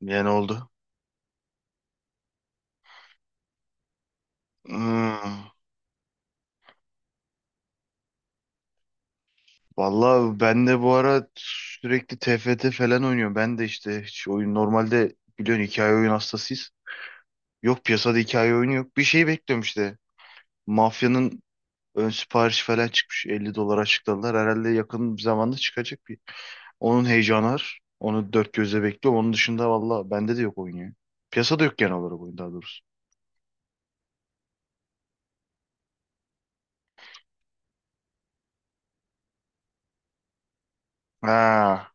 Yani oldu. Hmm. Vallahi ben de bu ara sürekli TFT falan oynuyorum. Ben de işte hiç oyun normalde biliyorsun hikaye oyun hastasıyız. Yok piyasada hikaye oyunu yok. Bir şey bekliyorum işte. Mafyanın ön siparişi falan çıkmış. 50 dolar açıkladılar. Herhalde yakın bir zamanda çıkacak bir. Onun heyecanı var. Onu dört gözle bekliyorum. Onun dışında valla bende de yok oyun ya. Piyasada yok genel olarak oyun daha doğrusu. Ha,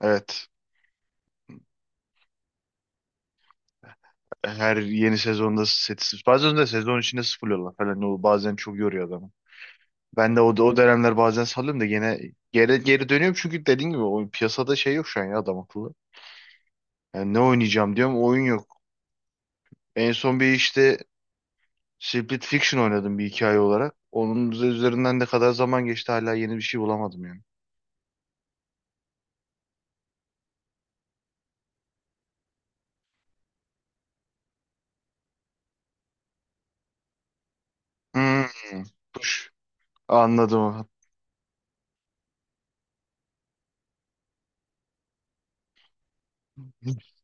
evet. Her yeni sezonda seti bazen de sezon içinde sıfırlıyorlar falan o bazen çok yoruyor adamı. Ben de o dönemler bazen salıyorum da gene geri dönüyorum çünkü dediğin gibi o piyasada şey yok şu an ya adam akıllı. Yani ne oynayacağım diyorum oyun yok. En son bir işte Split Fiction oynadım bir hikaye olarak. Onun üzerinden ne kadar zaman geçti hala yeni bir şey bulamadım yani. Hmm, push. Anladım.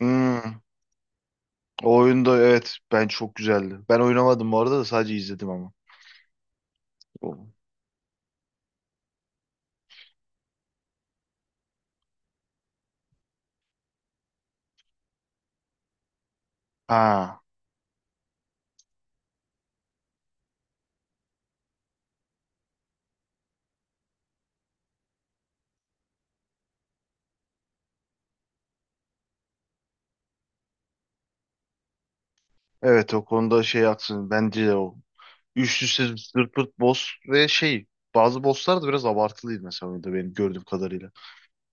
Hmm, o oyunda evet ben çok güzeldi. Ben oynamadım bu arada da sadece izledim ama. O- Ha. Evet o konuda şey haksın. Bence de o. Üst üste zırt pırt boss ve şey bazı bosslar da biraz abartılıydı mesela oyunda benim gördüğüm kadarıyla.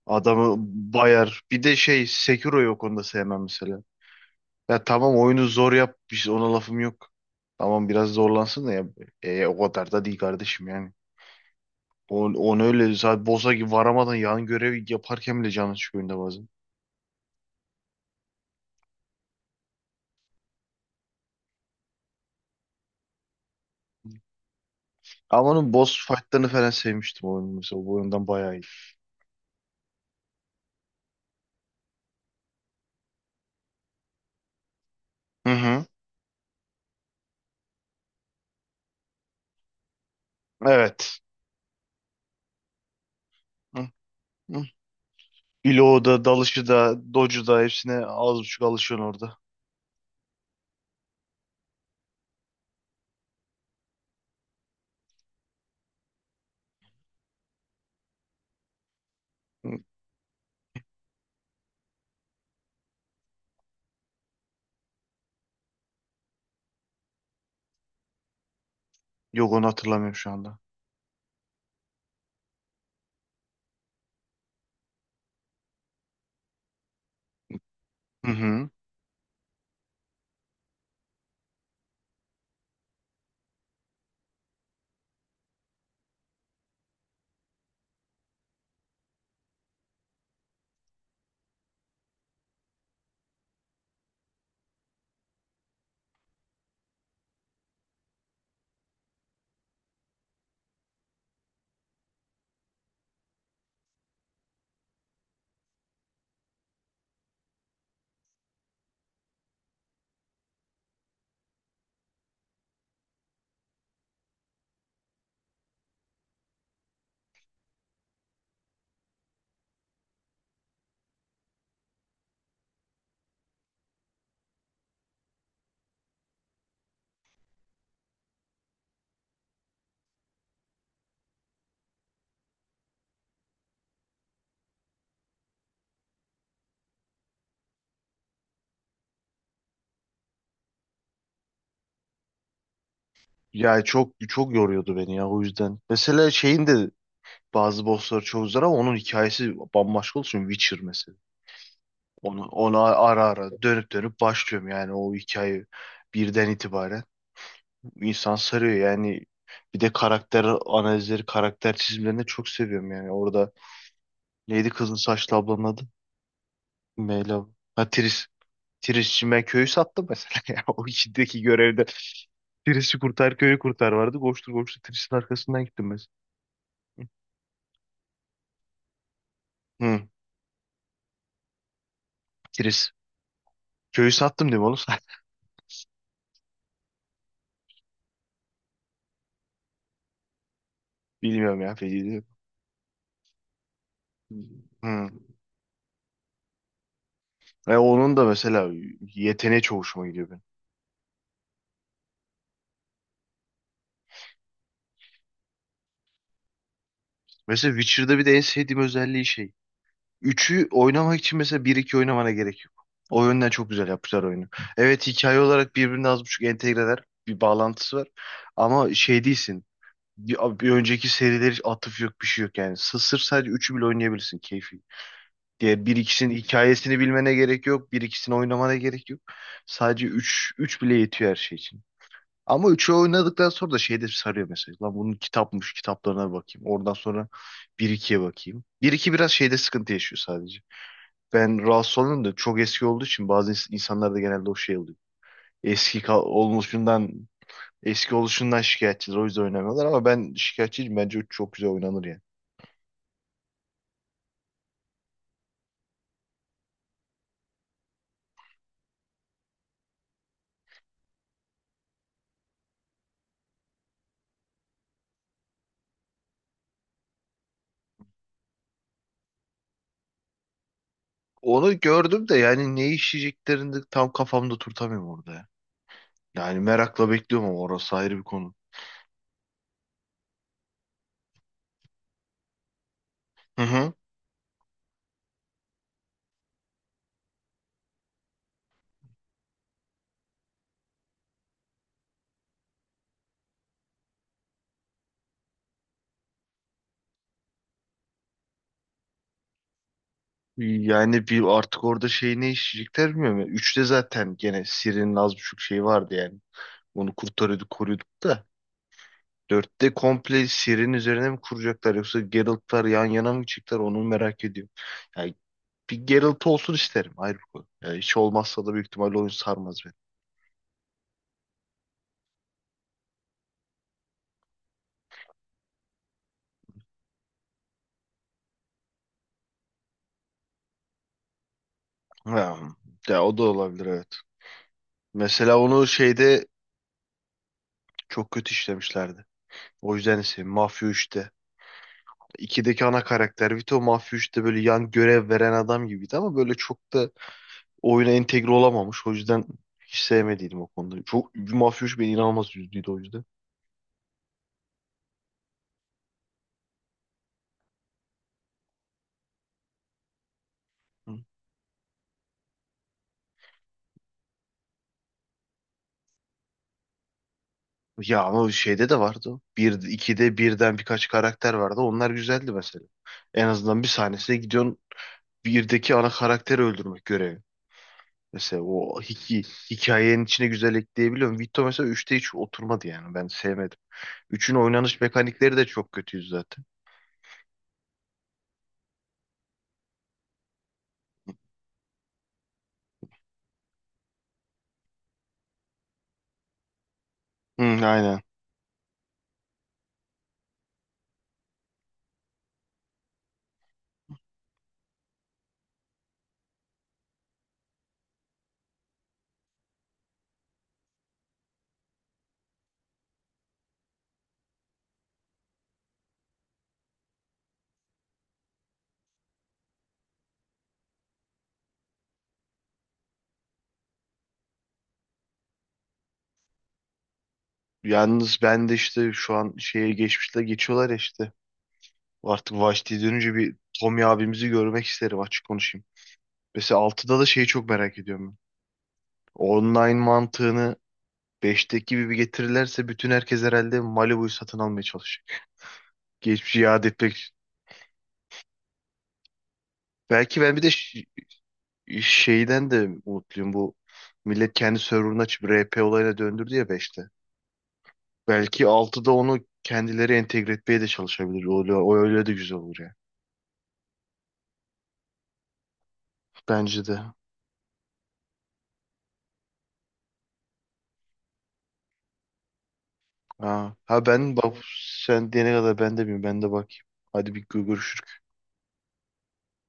Adamı bayar. Bir de şey Sekiro'yu o konuda sevmem mesela. Ya tamam oyunu zor yap. Biz ona lafım yok. Tamam biraz zorlansın da ya. O kadar da değil kardeşim yani. On öyle zaten boss'a gibi varamadan yan görev yaparken bile canı çıkıyor oyunda bazen. Ama onun boss fight'larını falan sevmiştim oyunu mesela. Bu oyundan bayağı iyi. Hı hı. Evet. Hı. Bloğu da, dalışı da, dodge'u da hepsine az buçuk alışıyorsun orada. Hı. Yok onu hatırlamıyorum şu anda. Hı hı. Ya çok çok yoruyordu beni ya o yüzden. Mesela şeyin de bazı bossları çok zor ama onun hikayesi bambaşka olsun. Witcher mesela. Onu ara ara dönüp dönüp başlıyorum yani o hikaye birden itibaren. İnsan sarıyor yani. Bir de karakter analizleri, karakter çizimlerini çok seviyorum yani. Orada neydi kızın saçlı ablanın adı? Meyla. Ha, Triss. Tirisçi ben köyü sattım mesela ya. O içindeki görevde Tiris'i kurtar köyü kurtar vardı. Koştur koştur Tiris'in arkasından gittim mesela. Hı. Tiris. Köyü sattım değil mi oğlum? Bilmiyorum ya. Feci değil. Hı. Ve onun da mesela yeteneği çok hoşuma gidiyor benim. Mesela Witcher'da bir de en sevdiğim özelliği şey. Üçü oynamak için mesela bir iki oynamana gerek yok. O yönden çok güzel yapmışlar oyunu. Evet hikaye olarak birbirine az buçuk entegreler. Bir bağlantısı var. Ama şey değilsin. Bir önceki serileri atıf yok bir şey yok yani. Sırf sadece üçü bile oynayabilirsin keyfi. Diğer bir ikisinin hikayesini bilmene gerek yok. Bir ikisini oynamana gerek yok. Sadece üç bile yetiyor her şey için. Ama üçü oynadıktan sonra da şey de sarıyor mesela. Lan bunun kitapmış kitaplarına bakayım. Oradan sonra bir ikiye bakayım. Bir iki biraz şeyde sıkıntı yaşıyor sadece. Ben rahatsız oluyorum da çok eski olduğu için bazı insanlarda genelde o şey oluyor. Eski ka- olmuşundan Eski oluşundan şikayetçiler. O yüzden oynamıyorlar ama ben şikayetçiyim. Bence o çok güzel oynanır yani. Onu gördüm de yani ne işleyeceklerini de tam kafamda turtamıyorum orada ya. Yani merakla bekliyorum ama orası ayrı bir konu. Hı hı. Yani bir artık orada şey ne işleyecekler bilmiyorum ya. Üçte zaten gene Siri'nin az buçuk şeyi vardı yani. Onu kurtarıyorduk, koruyorduk da. Dörtte komple Ciri'nin üzerine mi kuracaklar yoksa Geralt'lar yan yana mı çıktılar onu merak ediyorum. Yani bir Geralt olsun isterim ayrı bir konu. Yani hiç olmazsa da büyük ihtimalle oyun sarmaz beni. Ya, ya o da olabilir evet. Mesela onu şeyde çok kötü işlemişlerdi. O yüzden ise Mafya 3'te. 2'deki ana karakter Vito Mafya 3'te böyle yan görev veren adam gibiydi ama böyle çok da oyuna entegre olamamış. O yüzden hiç sevmediydim o konuda. Çok Mafya 3 beni inanılmaz üzdüydü o yüzden. Ya ama şeyde de vardı o. Bir ikide birden birkaç karakter vardı. Onlar güzeldi mesela. En azından bir sahnesine gidiyorsun. Birdeki ana karakteri öldürmek görevi. Mesela o hikayenin içine güzel ekleyebiliyorum. Vito mesela üçte hiç oturmadı yani. Ben sevmedim. Üçün oynanış mekanikleri de çok kötüydü zaten. Hı, aynen. Yalnız ben de işte şu an şeye geçmişle geçiyorlar ya işte. Artık Vashti'ye dönünce bir Tommy abimizi görmek isterim açık konuşayım. Mesela altıda da şeyi çok merak ediyorum ben. Online mantığını Beşteki gibi bir getirirlerse bütün herkes herhalde Malibu'yu satın almaya çalışacak. Geçmişi yad etmek. Belki ben bir de şeyden de umutluyum. Bu millet kendi serverını açıp RP olayına döndürdü ya beşte. Belki altıda onu kendileri entegre etmeye de çalışabilir. O öyle de güzel olur ya. Bence de. Ha, ben bak sen diyene kadar ben de bilmiyorum. Ben de bakayım. Hadi bir görüşürüz.